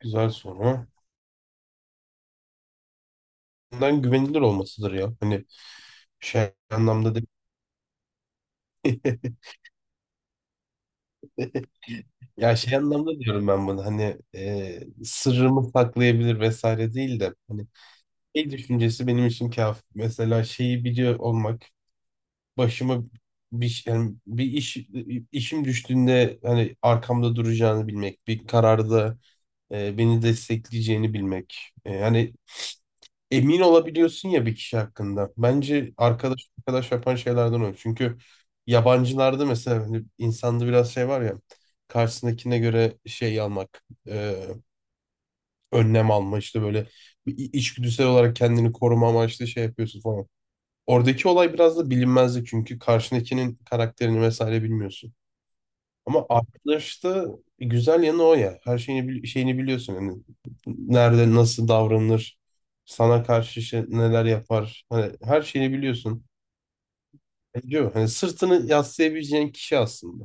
Güzel soru. Bundan güvenilir olmasıdır ya. Hani şey anlamda değil. Ya şey anlamda diyorum ben bunu. Hani sırrımı saklayabilir vesaire değil de. Hani şey düşüncesi benim için kafi. Mesela şeyi biliyor olmak. Başıma bir, yani bir iş işim düştüğünde hani arkamda duracağını bilmek. Bir kararda beni destekleyeceğini bilmek. Hani emin olabiliyorsun ya bir kişi hakkında. Bence arkadaş yapan şeylerden o. Çünkü yabancılarda mesela hani insanda biraz şey var ya karşısındakine göre şey almak, önlem alma işte böyle bir içgüdüsel olarak kendini koruma amaçlı şey yapıyorsun falan. Oradaki olay biraz da bilinmezlik çünkü karşındakinin karakterini vesaire bilmiyorsun. Ama arkadaşta güzel yanı o ya. Her şeyini biliyorsun. Yani nerede nasıl davranılır, sana karşı neler yapar. Hani her şeyini biliyorsun. Diyor. Hani sırtını yaslayabileceğin kişi aslında.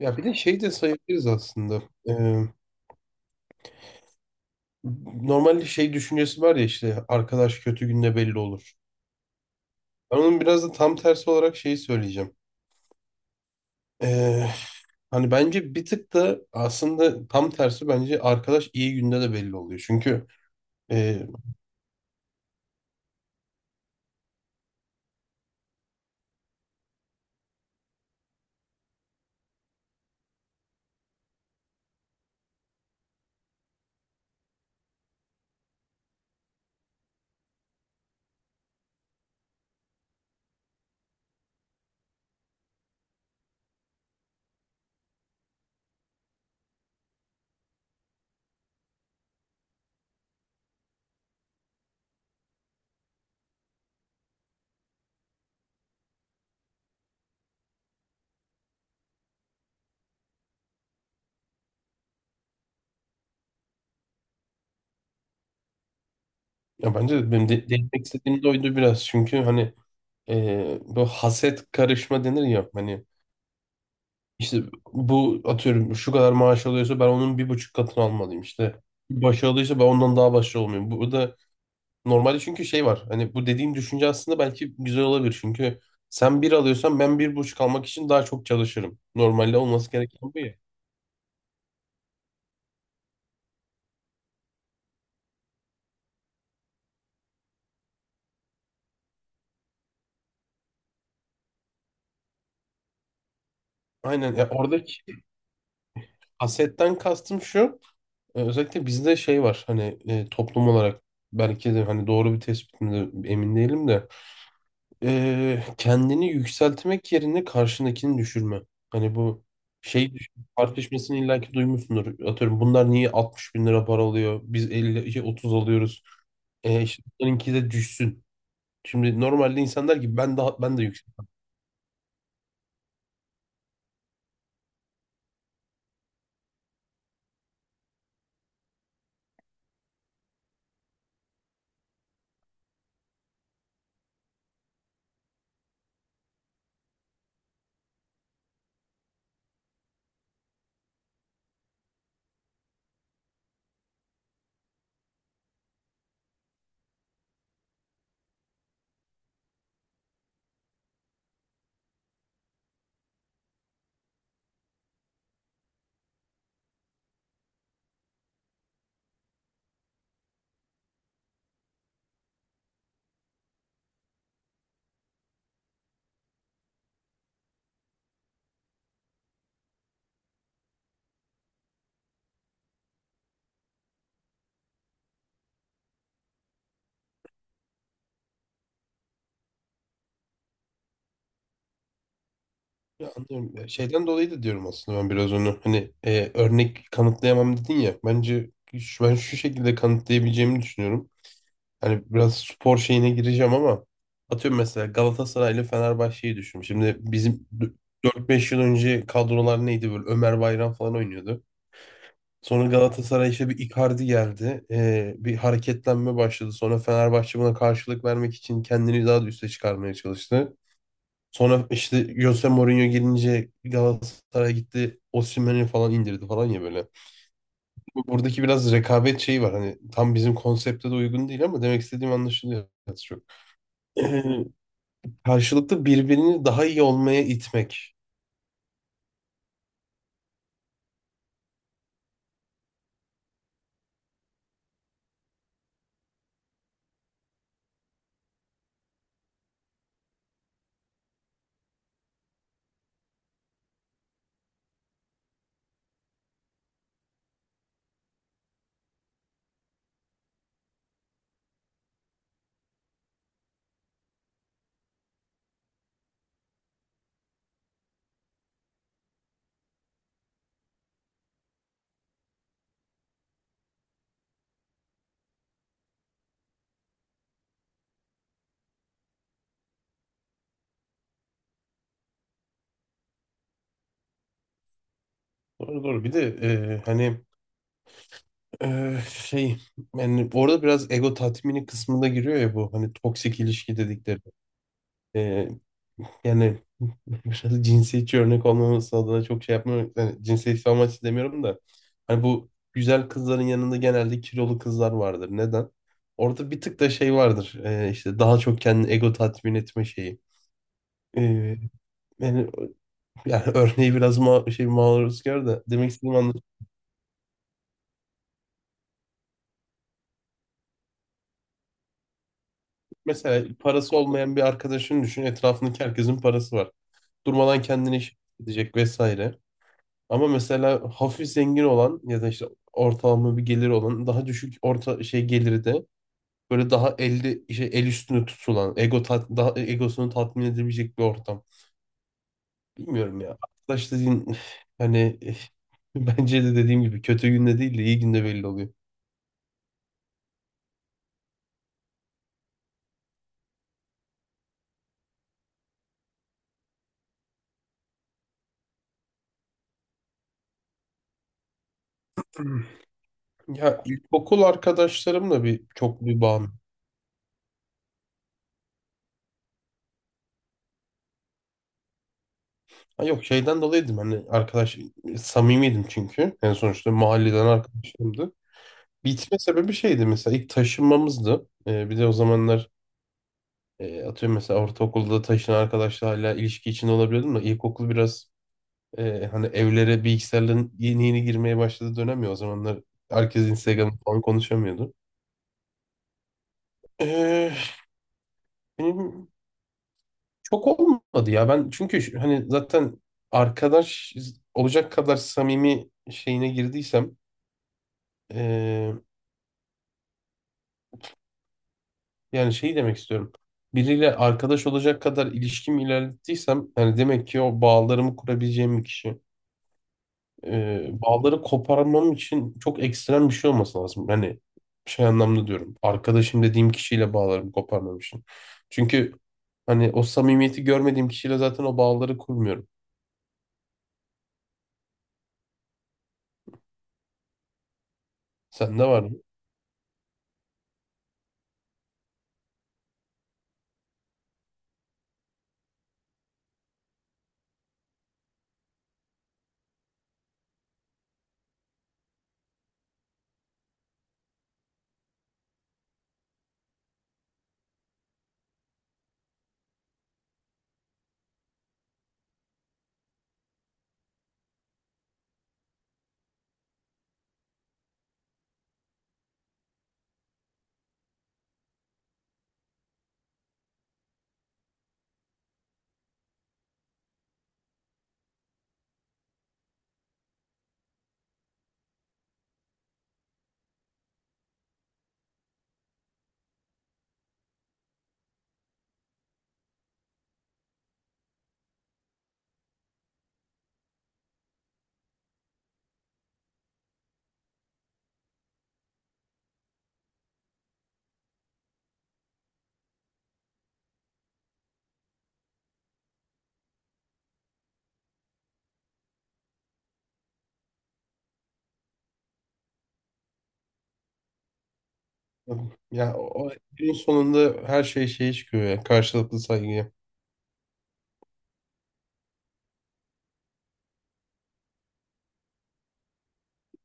Ya bir de şey de sayabiliriz aslında. Ee, Normalde şey düşüncesi var ya işte arkadaş kötü günde belli olur. Ben onun biraz da tam tersi olarak şeyi söyleyeceğim. Ee, Hani bence bir tık da aslında tam tersi bence arkadaş iyi günde de belli oluyor. Çünkü e, ya bence de benim de değinmek istediğim de oydu biraz. Çünkü hani bu haset karışma denir ya hani işte bu atıyorum şu kadar maaş alıyorsa ben onun bir buçuk katını almalıyım işte. Başı alıyorsa ben ondan daha başarılı olmayayım. Bu da normalde çünkü şey var hani bu dediğim düşünce aslında belki güzel olabilir. Çünkü sen bir alıyorsan ben bir buçuk almak için daha çok çalışırım. Normalde olması gereken bu ya. Aynen ya oradaki hasetten kastım şu. Özellikle bizde şey var hani toplum olarak belki de hani doğru bir tespit mi de emin değilim de kendini yükseltmek yerine karşındakini düşürme. Hani bu şey düş- tartışmasını illaki duymuşsundur. Atıyorum bunlar niye 60 bin lira para alıyor? Biz 50 şey, 30 alıyoruz. İşte bunlarınki de düşsün. Şimdi normalde insan der ki ben daha ben de yüksek. Ya anlıyorum. Ya şeyden dolayı da diyorum aslında ben biraz onu. Hani örnek kanıtlayamam dedin ya. Bence ben şu şekilde kanıtlayabileceğimi düşünüyorum. Hani biraz spor şeyine gireceğim ama atıyorum mesela Galatasaray ile Fenerbahçe'yi düşün. Şimdi 4-5 yıl önce kadrolar neydi böyle Ömer Bayram falan oynuyordu. Sonra Galatasaray işte bir Icardi geldi. Bir hareketlenme başladı. Sonra Fenerbahçe buna karşılık vermek için kendini daha da üste çıkarmaya çalıştı. Sonra işte Jose Mourinho gelince Galatasaray gitti. Osimhen'i falan indirdi falan ya böyle. Buradaki biraz rekabet şeyi var. Hani tam bizim konsepte de uygun değil ama demek istediğim anlaşılıyor. e, Karşılıklı birbirini daha iyi olmaya itmek. Doğru doğru. Bir de hani e, şey yani orada biraz ego tatmini kısmında giriyor ya bu hani toksik ilişki dedikleri. E, Yani biraz cinsiyetçi örnek olmaması adına çok şey yapmıyorum. Yani cinsiyetçi amaçlı demiyorum da. Hani bu güzel kızların yanında genelde kilolu kızlar vardır. Neden? Orada bir tık da şey vardır. İşte daha çok kendini ego tatmin etme şeyi. E, yani Yani örneği biraz ma şey maruzkar da demek istediğim anlaşılıyor. Mesela parası olmayan bir arkadaşını düşün. Etrafındaki herkesin parası var. Durmadan kendini iş edecek vesaire. Ama mesela hafif zengin olan ya da işte ortalama bir geliri olan daha düşük orta şey geliri de böyle daha elde şey el üstünde tutulan daha egosunu tatmin edebilecek bir ortam. Bilmiyorum ya. Arkadaş dediğin hani bence de dediğim gibi kötü günde değil de iyi günde belli oluyor. Ya ilkokul arkadaşlarımla bir çok bir bağım. Ha yok şeyden dolayıydım hani arkadaş samimiydim çünkü. En sonuçta mahalleden arkadaşlarımdı. Bitme sebebi şeydi mesela ilk taşınmamızdı. Bir de o zamanlar atıyorum mesela ortaokulda taşınan arkadaşla hala ilişki içinde olabiliyordum da ilkokul biraz hani evlere bilgisayarların yeni yeni girmeye başladığı dönem ya o zamanlar herkes Instagram falan konuşamıyordu. Ee, benim Çok olmadı ya. Ben çünkü hani zaten arkadaş olacak kadar samimi şeyine girdiysem eee, yani şey demek istiyorum. Biriyle arkadaş olacak kadar ilişkim ilerlettiysem yani demek ki o bağlarımı kurabileceğim bir kişi. Bağları koparmam için çok ekstrem bir şey olması lazım. Hani şey anlamda diyorum. Arkadaşım dediğim kişiyle bağlarımı koparmam için. Çünkü hani o samimiyeti görmediğim kişiyle zaten o bağları kurmuyorum. Sende var mı? Ya o en sonunda her şey şeye çıkıyor ya. Karşılıklı saygıya.